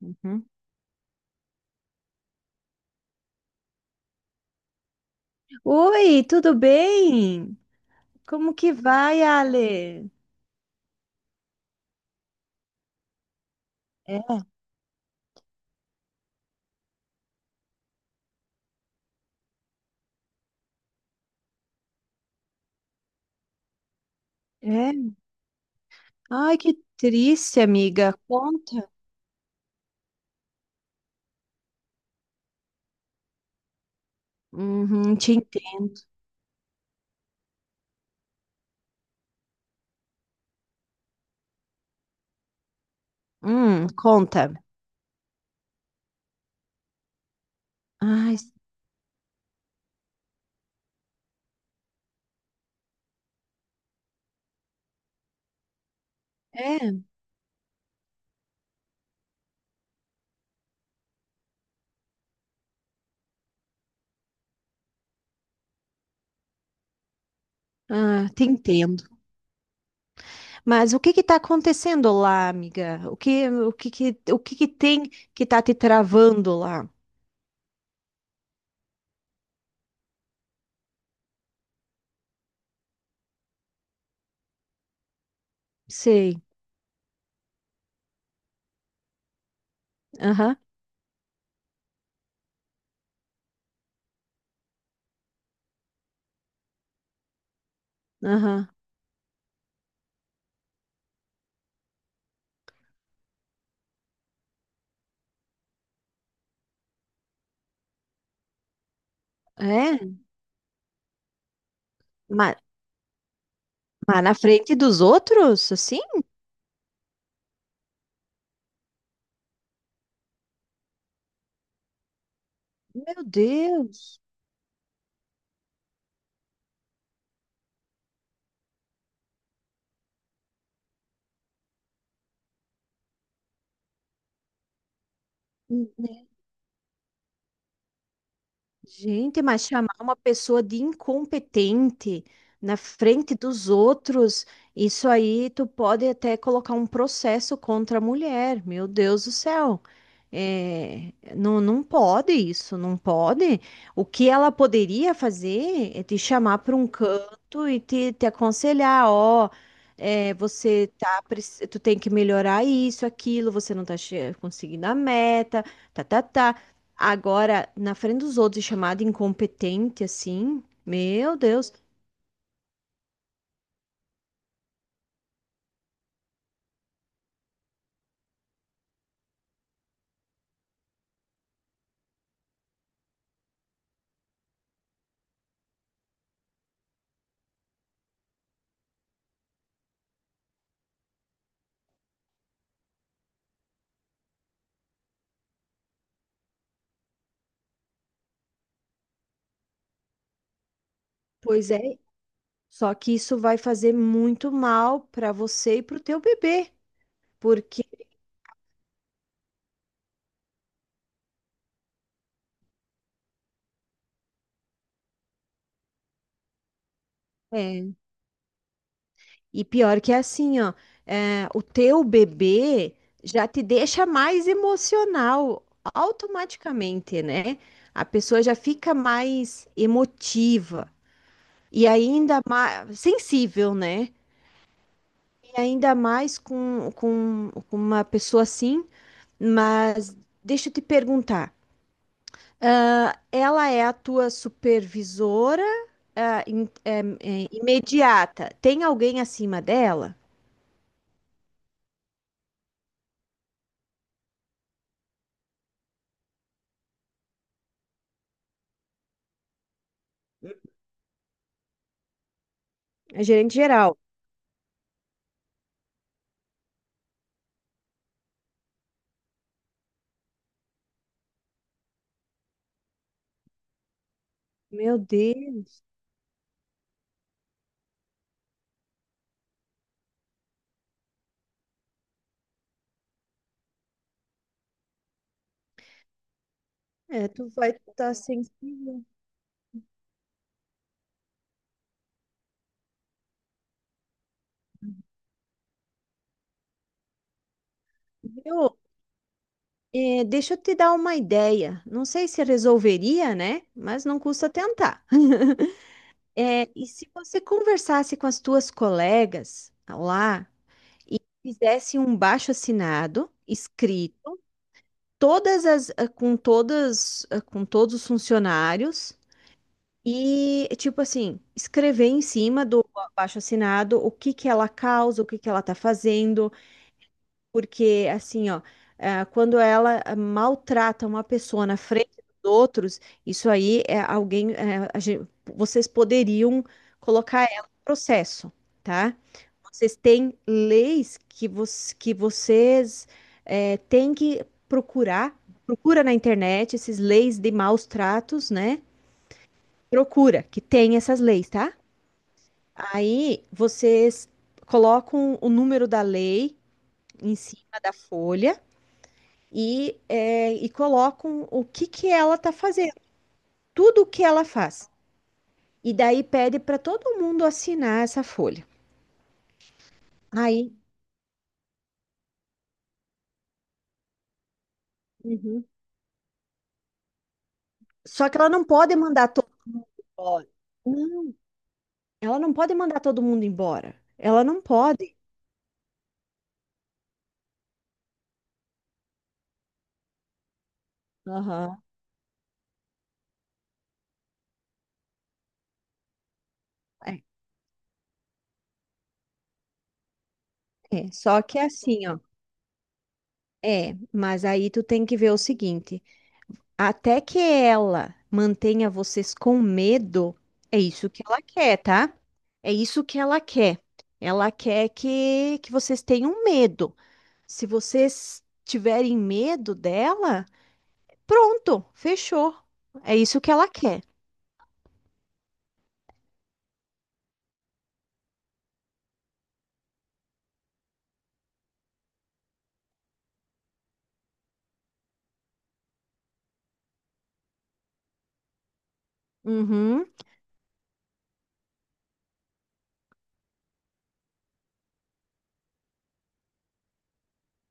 Uhum. Oi, tudo bem? Como que vai, Ale? É, é. Ai, que triste, amiga. Conta. Uhum, te entendo. Conta. Ai, é. Ah, te entendo. Mas o que que tá acontecendo lá, amiga? O que que tem que tá te travando lá? Sei. Aham, aham. É? Mas, mas na frente dos outros, assim? Meu Deus. Gente, mas chamar uma pessoa de incompetente na frente dos outros, isso aí tu pode até colocar um processo contra a mulher. Meu Deus do céu. É, não pode isso, não pode. O que ela poderia fazer é te chamar para um canto e te aconselhar, ó, é, você tá, tu tem que melhorar isso, aquilo, você não tá conseguindo a meta, tá. Agora, na frente dos outros, e chamada incompetente assim, meu Deus, pois é. Só que isso vai fazer muito mal para você e para o teu bebê, porque é, e pior que é assim, ó, é, o teu bebê já te deixa mais emocional automaticamente, né? A pessoa já fica mais emotiva e ainda mais sensível, né? E ainda mais com uma pessoa assim. Mas deixa eu te perguntar, ah, ela é a tua supervisora, ah, é imediata? Tem alguém acima dela? É gerente geral. Meu Deus, é, tu vai estar sensível. Viu? É, deixa eu te dar uma ideia. Não sei se resolveria, né? Mas não custa tentar. É, e se você conversasse com as tuas colegas lá e fizesse um baixo assinado escrito todas as com todas com todos os funcionários e tipo assim, escrever em cima do abaixo-assinado o que que ela causa, o que que ela tá fazendo, porque, assim, ó, ah, quando ela maltrata uma pessoa na frente dos outros, isso aí é alguém. É, vocês poderiam colocar ela em processo, tá? Vocês têm leis que, que vocês é, têm que procurar. Procura na internet esses leis de maus tratos, né? Procura, que tem essas leis, tá? Aí vocês colocam o número da lei em cima da folha e, é, e colocam o que, que ela está fazendo, tudo o que ela faz. E daí pede para todo mundo assinar essa folha. Aí, uhum, só que ela não pode mandar todo... Olha. Não, ela não pode mandar todo mundo embora. Ela não pode. Aham. É, é, só que é assim, ó. É, mas aí tu tem que ver o seguinte. Até que ela mantenha vocês com medo, é isso que ela quer, tá? É isso que ela quer. Ela quer que vocês tenham medo. Se vocês tiverem medo dela, pronto, fechou. É isso que ela quer. Uhum.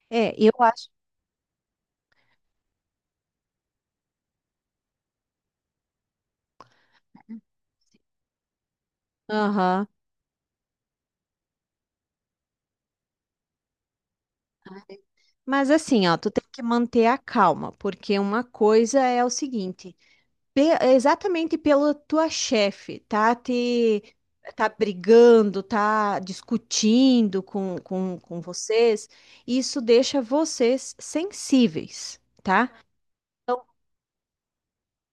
É, eu acho. Aham. Mas assim, ó, tu tem que manter a calma, porque uma coisa é o seguinte. Exatamente pela tua chefe, tá te... tá brigando, tá discutindo com vocês, isso deixa vocês sensíveis, tá? Então,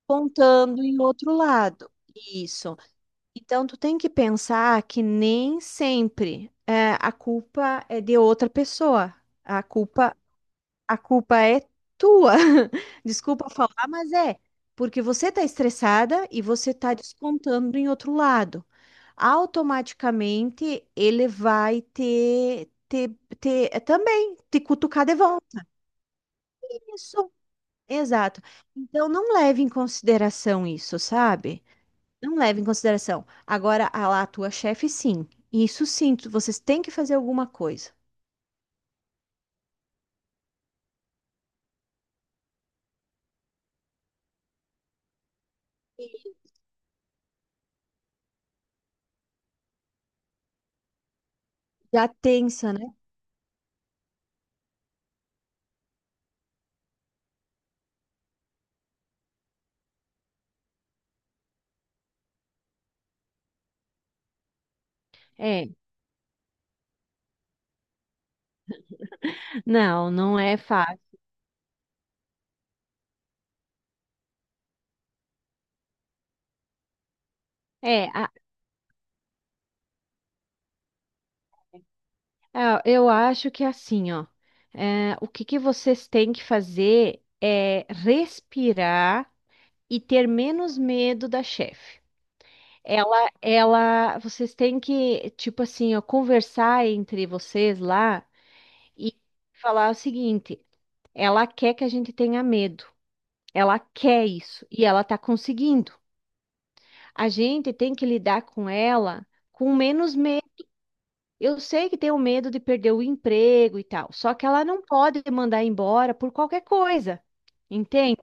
contando em outro lado. Isso. Então, tu tem que pensar que nem sempre é, a culpa é de outra pessoa. A culpa a culpa é tua. Desculpa falar, mas é porque você está estressada e você está descontando em outro lado. Automaticamente ele vai também te cutucar de volta. Isso, exato. Então não leve em consideração isso, sabe? Não leve em consideração. Agora, a lá, a tua chefe, sim. Isso sim, vocês têm que fazer alguma coisa. Já tensa, né? É. Não, não é fácil. É, a, Ah, eu acho que é assim, ó. É, o que que vocês têm que fazer é respirar e ter menos medo da chefe. Vocês têm que, tipo assim, ó, conversar entre vocês lá e falar o seguinte: ela quer que a gente tenha medo, ela quer isso e ela tá conseguindo. A gente tem que lidar com ela com menos medo. Eu sei que tem o medo de perder o emprego e tal, só que ela não pode mandar embora por qualquer coisa, entende?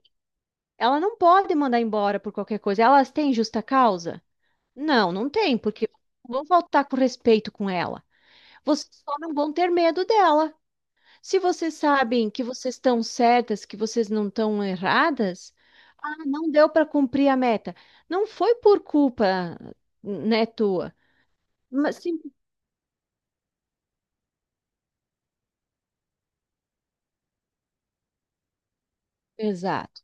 Ela não pode mandar embora por qualquer coisa. Elas têm justa causa? Não, não tem, porque não vão faltar com respeito com ela. Vocês só não vão ter medo dela. Se vocês sabem que vocês estão certas, que vocês não estão erradas, ah, não deu para cumprir a meta. Não foi por culpa, né, tua. Mas sim, exato.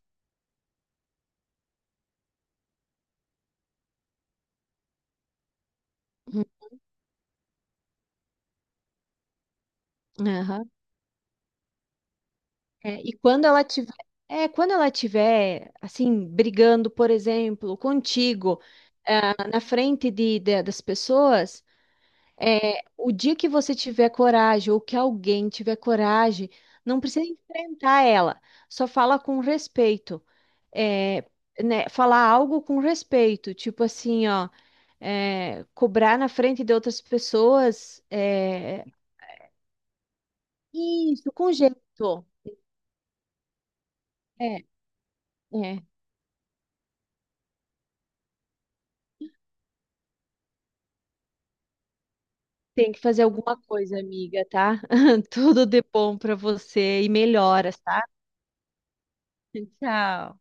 Uhum. É, e quando ela tiver, é, quando ela tiver assim brigando, por exemplo, contigo, ah, na frente das pessoas, é, o dia que você tiver coragem ou que alguém tiver coragem, não precisa enfrentar ela, só fala com respeito, é, né, falar algo com respeito, tipo assim, ó, é, cobrar na frente de outras pessoas, é, isso, com jeito. É, é. Tem que fazer alguma coisa, amiga, tá? Tudo de bom pra você e melhoras, tá? Tchau.